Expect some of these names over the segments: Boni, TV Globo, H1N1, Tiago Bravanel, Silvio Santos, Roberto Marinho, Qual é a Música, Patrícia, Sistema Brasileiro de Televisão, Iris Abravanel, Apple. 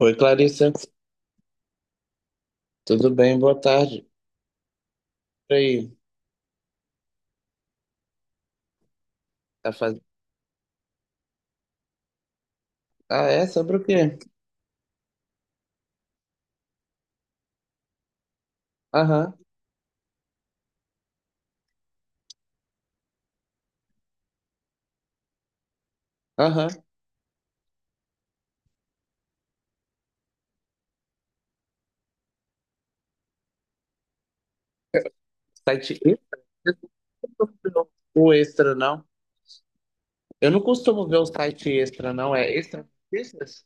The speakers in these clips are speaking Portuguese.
Oi, Clarissa. Tudo bem? Boa tarde. E aí? Tá faz... Ah, é? Sobre o quê? Aham, aham. Site extra? Você não costuma ver o extra, não? Eu não costumo ver o site extra, não. É extra notícias?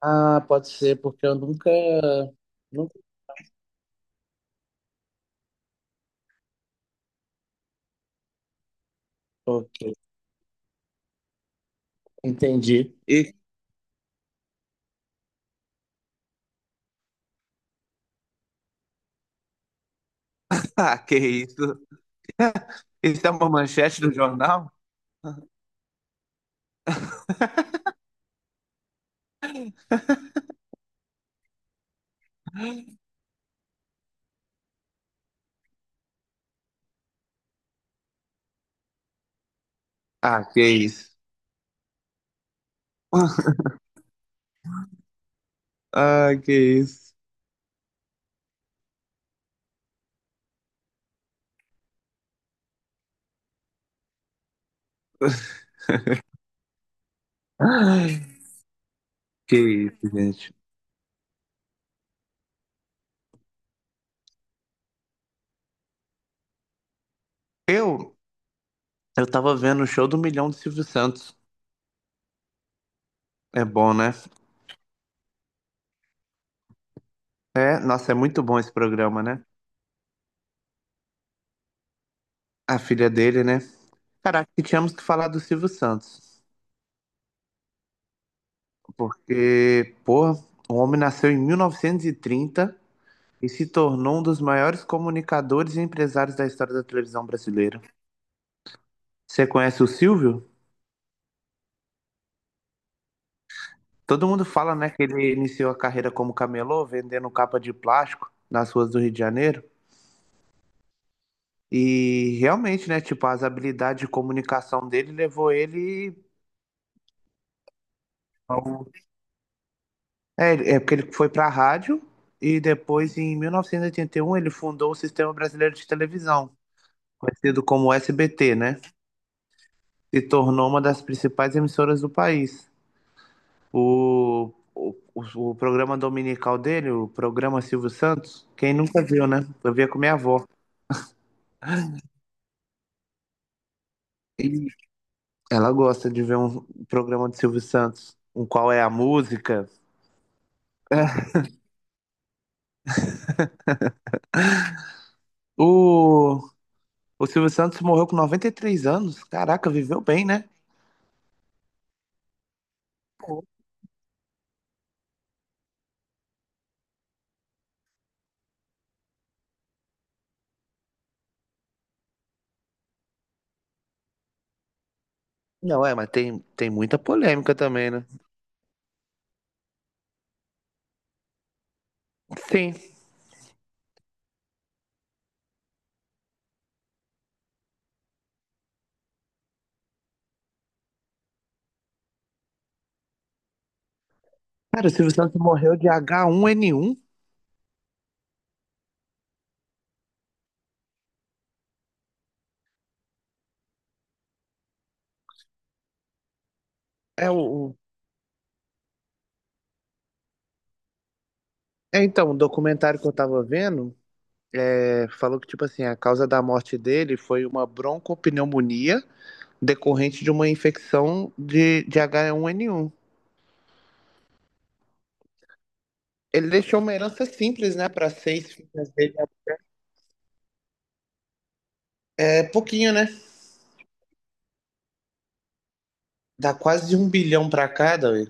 Ah, pode ser, porque eu nunca... Ok, entendi. E... Ah, que isso? Isso é uma manchete do jornal? Ah, que isso. Ah, que isso. Ai, que isso, gente. Eu, Eu tava vendo o show do Milhão do Silvio Santos. É bom, né? É, nossa, é muito bom esse programa, né? A filha dele, né? Caraca, e tínhamos que falar do Silvio Santos. Porque, pô, o homem nasceu em 1930 e trinta e se tornou um dos maiores comunicadores e empresários da história da televisão brasileira. Você conhece o Silvio? Todo mundo fala, né, que ele iniciou a carreira como camelô, vendendo capa de plástico nas ruas do Rio de Janeiro. E realmente, né? Tipo, as habilidades de comunicação dele levou ele ao... É porque ele foi pra rádio e depois, em 1981, ele fundou o Sistema Brasileiro de Televisão, conhecido como SBT, né? Se tornou uma das principais emissoras do país. O programa dominical dele, o programa Silvio Santos, quem nunca viu, né? Eu via com minha avó. E ela gosta de ver um programa de Silvio Santos, um Qual é a Música. O, O Silvio Santos morreu com 93 anos. Caraca, viveu bem, né? Não, é, mas tem muita polêmica também, né? Sim. Cara, o Silvio Santos morreu de H1N1. É o. o- É, então, o documentário que eu tava vendo é, falou que, tipo assim, a causa da morte dele foi uma broncopneumonia decorrente de uma infecção de H1N1. Ele deixou uma herança simples, né, para seis filhas dele. É pouquinho, né? Dá quase um bilhão pra cada.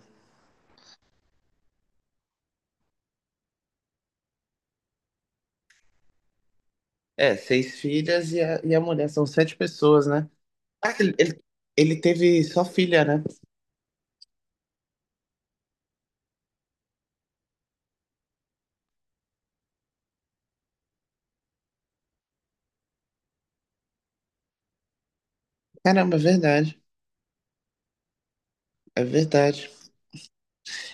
É, seis filhas e a mulher, são sete pessoas, né? Ah, ele teve só filha, né? Caramba, é verdade. É verdade.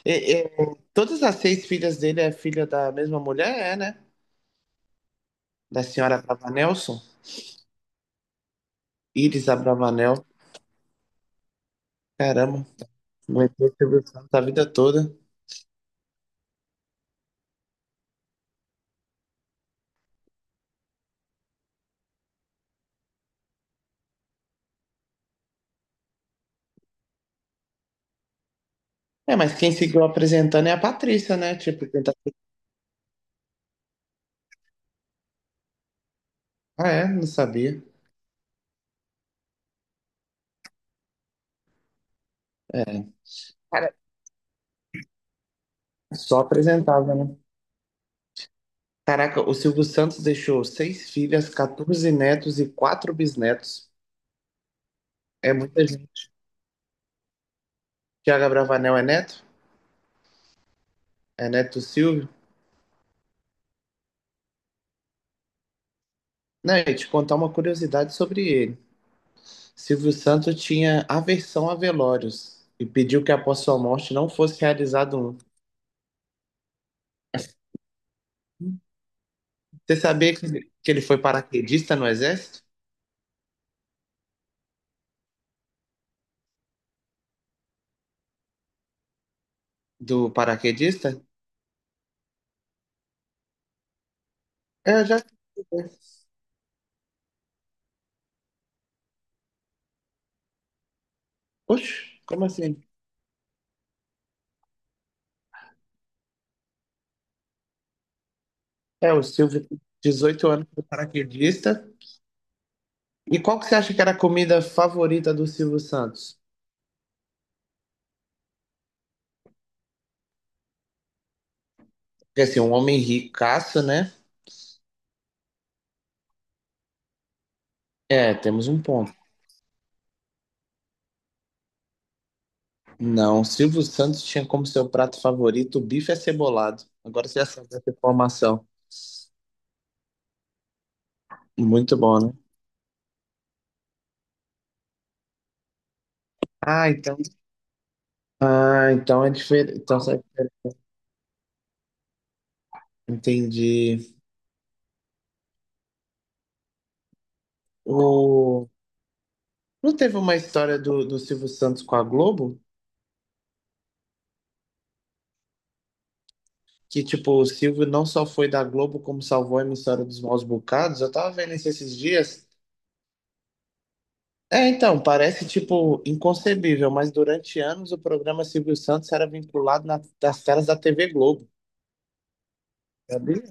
E- e- todas as seis filhas dele é filha da mesma mulher, é, né? Da senhora Abravanelson, Iris Abravanel. Caramba, aguentou o Silvio Santos a vida toda. É, mas quem seguiu apresentando é a Patrícia, né? Tipo, tentar... Ah, é? Não sabia. Cara, só apresentava, né? Caraca, o Silvio Santos deixou seis filhas, 14 netos e quatro bisnetos. É muita gente. Tiago Bravanel é neto? É neto do Silvio? Não, e te contar uma curiosidade sobre ele. Silvio Santos tinha aversão a velórios e pediu que após sua morte não fosse realizado um. Você sabia que ele foi paraquedista no exército? Do paraquedista? É, já. Oxe, como assim? É, o Silvio, 18 anos, foi paraquedista. E qual que você acha que era a comida favorita do Silvio Santos? Porque assim, um homem ricaço, né? É, temos um ponto. Não, Silvio Santos tinha como seu prato favorito o bife acebolado. Agora você já sabe dessa informação. Muito bom, né? Ah, então. Ah, então é diferente. Então, entendi. O... Não teve uma história do Silvio Santos com a Globo? Que, tipo, o Silvio não só foi da Globo, como salvou a emissora dos maus bocados. Eu tava vendo isso esses dias. É, então, parece, tipo, inconcebível, mas durante anos o programa Silvio Santos era vinculado nas telas da TV Globo. Sabia?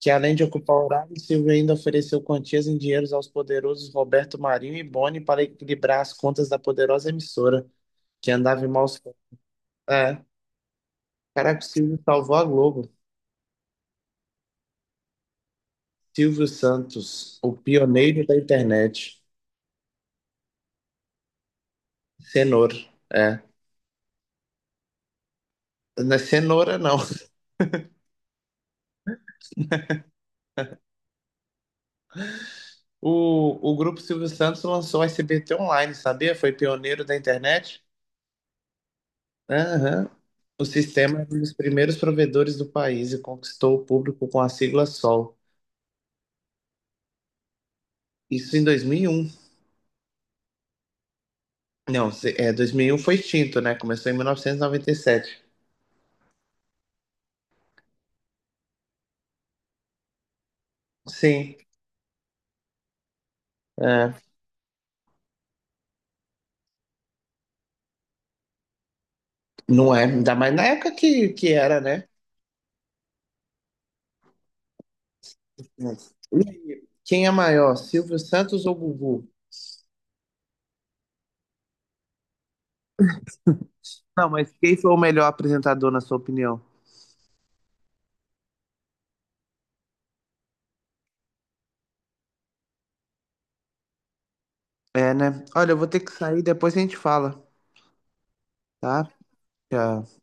Que além de ocupar o horário, Silvio ainda ofereceu quantias em dinheiros aos poderosos Roberto Marinho e Boni para equilibrar as contas da poderosa emissora, que andava em maus... É, caraca, o Silvio salvou a Globo. Silvio Santos, o pioneiro da internet. Cenoura, é. Não é cenoura, não. O grupo Silvio Santos lançou o SBT Online, sabia? Foi pioneiro da internet. Aham. O sistema é um dos primeiros provedores do país e conquistou o público com a sigla SOL. Isso em 2001? Não, é, 2001 foi extinto, né? Começou em mil novecentos e noventa e sete. Sim, é, não é. Ainda mais na época que era, né? E aí, quem é maior, Silvio Santos ou Gugu? Não, mas quem foi o melhor apresentador, na sua opinião? É, né? Olha, eu vou ter que sair, depois a gente fala, tá? Tchau.